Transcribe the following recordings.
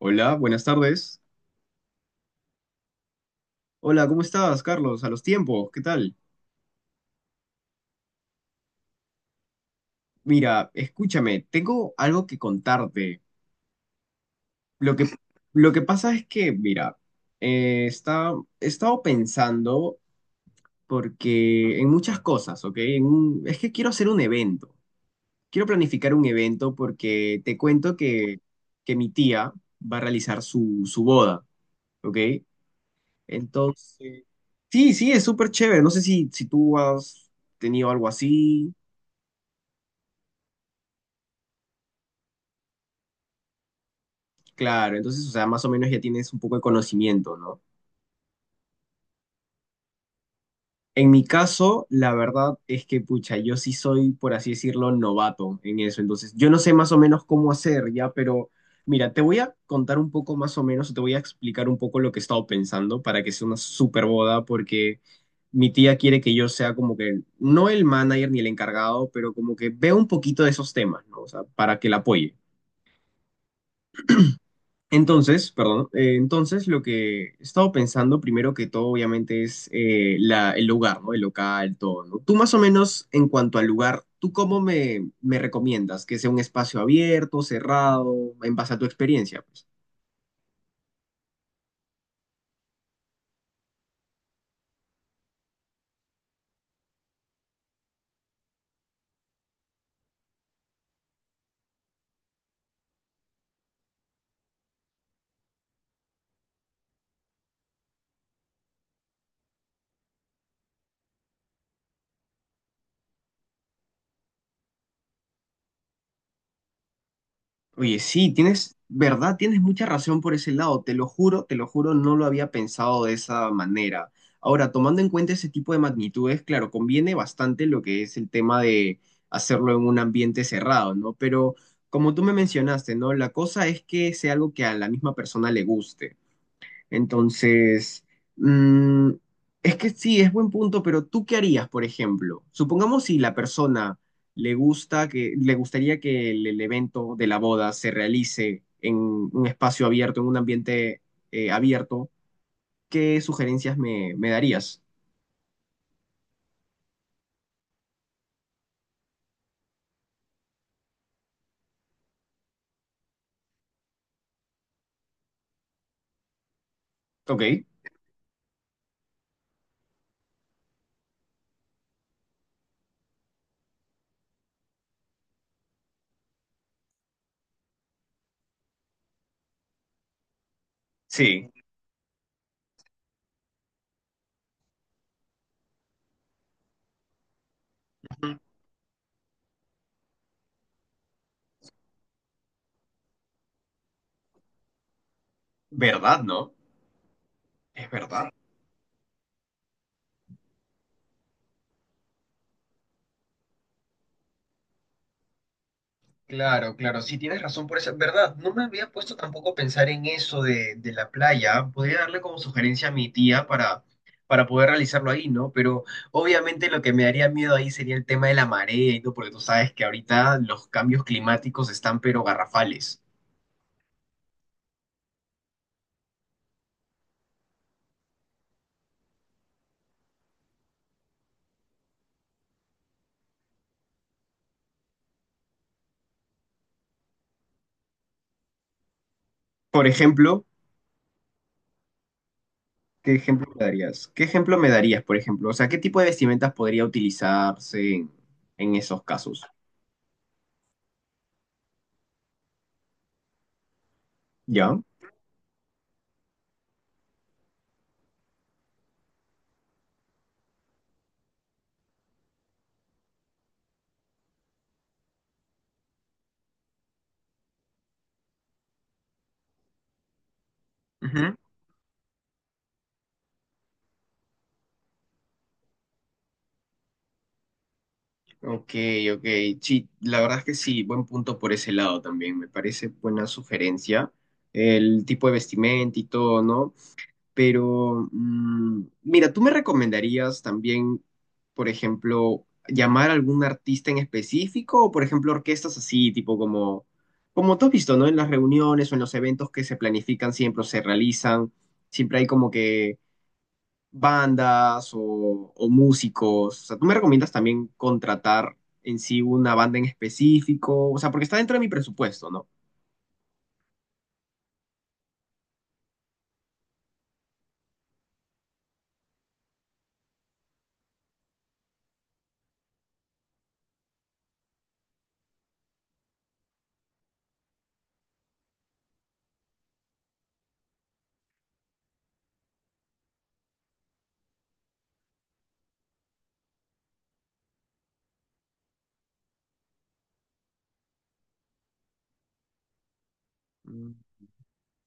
Hola, buenas tardes. Hola, ¿cómo estás, Carlos? A los tiempos, ¿qué tal? Mira, escúchame, tengo algo que contarte. Lo que, lo que pasa es que, mira, eh, está, he estado pensando porque en muchas cosas, ¿ok? En un- es que quiero hacer un evento. Quiero planificar un evento porque te cuento que mi tía va a realizar su boda, ¿ok? Entonces, sí, sí, es súper chévere. No sé si tú has tenido algo así. Claro, entonces, o sea, más o menos ya tienes un poco de conocimiento, ¿no? En mi caso, la verdad es que, pucha, yo sí soy, por así decirlo, novato en eso. Entonces, yo no sé más o menos cómo hacer ya, pero mira, te voy a contar un poco más o menos, te voy a explicar un poco lo que he estado pensando para que sea una super boda, porque mi tía quiere que yo sea como que, no el manager ni el encargado, pero como que vea un poquito de esos temas, ¿no? O sea, para que la apoye. Entonces, perdón, entonces lo que he estado pensando primero que todo obviamente es la- el lugar, ¿no? El local, todo, ¿no? Tú más o menos en cuanto al lugar, ¿tú cómo me recomiendas? ¿Que sea un espacio abierto, cerrado, en base a tu experiencia, pues? Oye, sí, tienes, verdad, tienes mucha razón por ese lado, te lo juro, no lo había pensado de esa manera. Ahora, tomando en cuenta ese tipo de magnitudes, claro, conviene bastante lo que es el tema de hacerlo en un ambiente cerrado, ¿no? Pero como tú me mencionaste, ¿no? La cosa es que sea algo que a la misma persona le guste. Entonces, mm, es que sí, es buen punto, pero ¿tú qué harías, por ejemplo? Supongamos si la persona le gusta que, le gustaría que el evento de la boda se realice en un espacio abierto, en un ambiente abierto, ¿qué sugerencias me darías? Ok, sí, ujú. ¿Verdad, no? Es verdad. Claro, claro, sí tienes razón por eso, verdad, no me había puesto tampoco a pensar en eso de la playa, podría darle como sugerencia a mi tía para poder realizarlo ahí, ¿no? Pero obviamente lo que me daría miedo ahí sería el tema de la marea y todo, porque tú sabes que ahorita los cambios climáticos están pero garrafales. Por ejemplo, ¿qué ejemplo me darías? ¿Qué ejemplo me darías, por ejemplo? O sea, ¿qué tipo de vestimentas podría utilizarse en esos casos? ¿Ya? Ujú. Ok, ok. Sí, la verdad es que sí, buen punto por ese lado también. Me parece buena sugerencia. El tipo de vestimenta y todo, ¿no? Pero, mira, ¿tú me recomendarías también, por ejemplo, llamar a algún artista en específico o, por ejemplo, orquestas así, tipo como, como tú has visto, ¿no? En las reuniones o en los eventos que se planifican siempre o se realizan, siempre hay como que bandas o músicos? O sea, ¿tú me recomiendas también contratar en sí una banda en específico? O sea, porque está dentro de mi presupuesto, ¿no? Mm.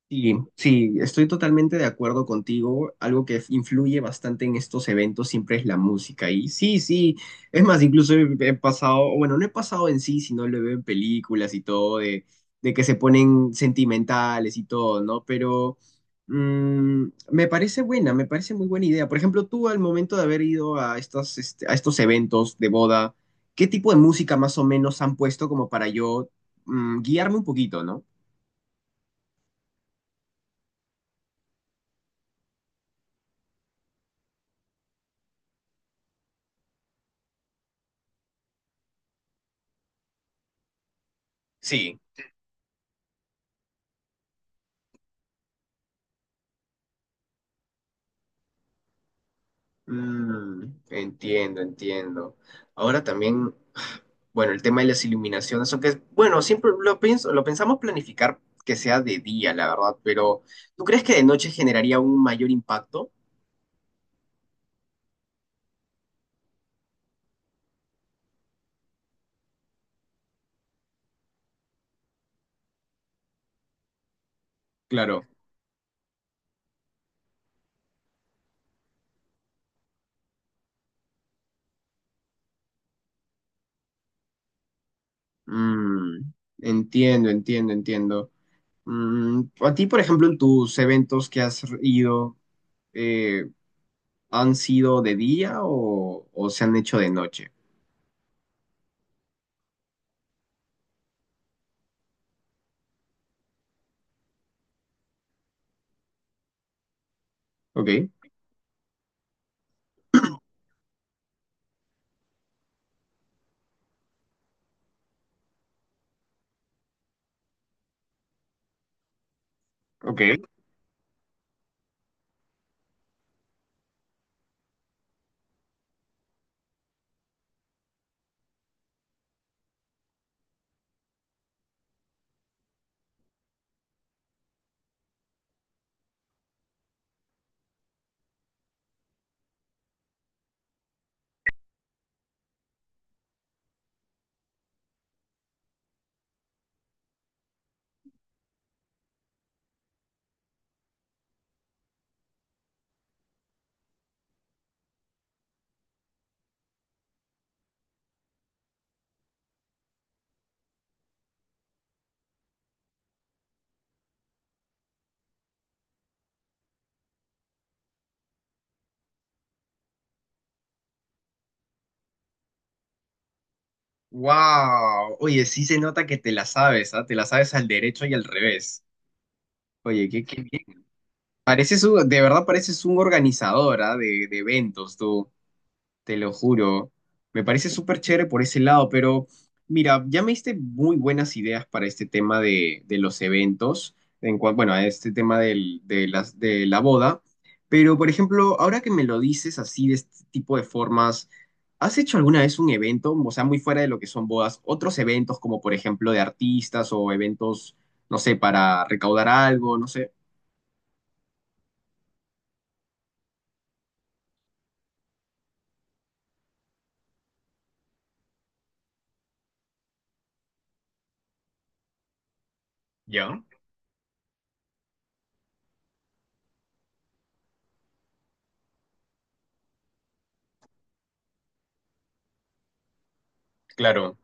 Sí, sí, estoy totalmente de acuerdo contigo. Algo que influye bastante en estos eventos siempre es la música. Y sí, sí, es más, incluso he pasado, bueno, no he pasado en sí, sino lo veo en películas y todo, de que se ponen sentimentales y todo, ¿no? Pero me parece buena, me parece muy buena idea. Por ejemplo, tú al momento de haber ido a estas, este, a estos eventos de boda, ¿qué tipo de música más o menos han puesto como para yo guiarme un poquito, ¿no? Sí. Mm, entiendo, entiendo. Ahora también, bueno, el tema de las iluminaciones, aunque, es- bueno, siempre lo pienso, lo pensamos planificar que sea de día, la verdad, pero ¿tú crees que de noche generaría un mayor impacto? Claro. Mm, entiendo, entiendo, entiendo. Mm, a ti, por ejemplo, en tus eventos que has ido, eh, ¿han sido de día o se han hecho de noche? Ok, ok. Wow, oye, sí se nota que te la sabes, ¿ah? Te la sabes al derecho y al revés. Oye, qué, qué bien. Pareces un- de verdad pareces un organizador, ¿ah? De eventos, tú. Te lo juro. Me parece súper chévere por ese lado, pero mira, ya me diste muy buenas ideas para este tema de los eventos, en cua- bueno, a este tema del- de, las, de la boda, pero por ejemplo, ahora que me lo dices así de este tipo de formas, ¿has hecho alguna vez un evento, o sea, muy fuera de lo que son bodas, otros eventos como por ejemplo de artistas o eventos, no sé, para recaudar algo, no sé? Ya, claro.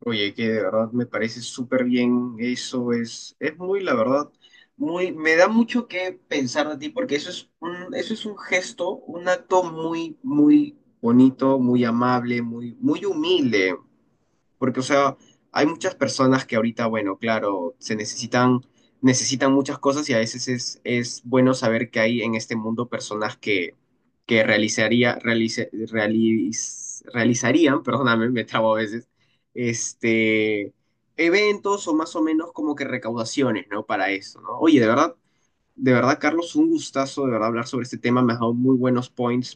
Oye, que de verdad me parece súper bien. Eso es muy, la verdad, muy, me da mucho que pensar de ti porque eso es un gesto, un acto muy, muy bonito, muy amable, muy, muy humilde. Porque, o sea, hay muchas personas que ahorita, bueno, claro, se necesitan, necesitan muchas cosas y a veces es bueno saber que hay en este mundo personas que realizaría, realice- realiz- realizarían, perdóname, me trabo a veces, este, eventos o más o menos como que recaudaciones, ¿no? Para eso, ¿no? Oye, de verdad, Carlos, un gustazo, de verdad, hablar sobre este tema, me ha dado muy buenos points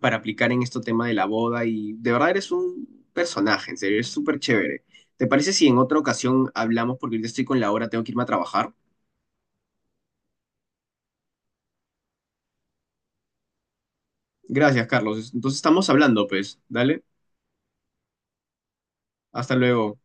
para aplicar en este tema de la boda y de verdad eres un personaje, en serio, eres súper chévere. ¿Te parece si en otra ocasión hablamos? Porque ahorita estoy con la hora, tengo que irme a trabajar. Gracias, Carlos. Entonces estamos hablando, pues. Dale, hasta luego.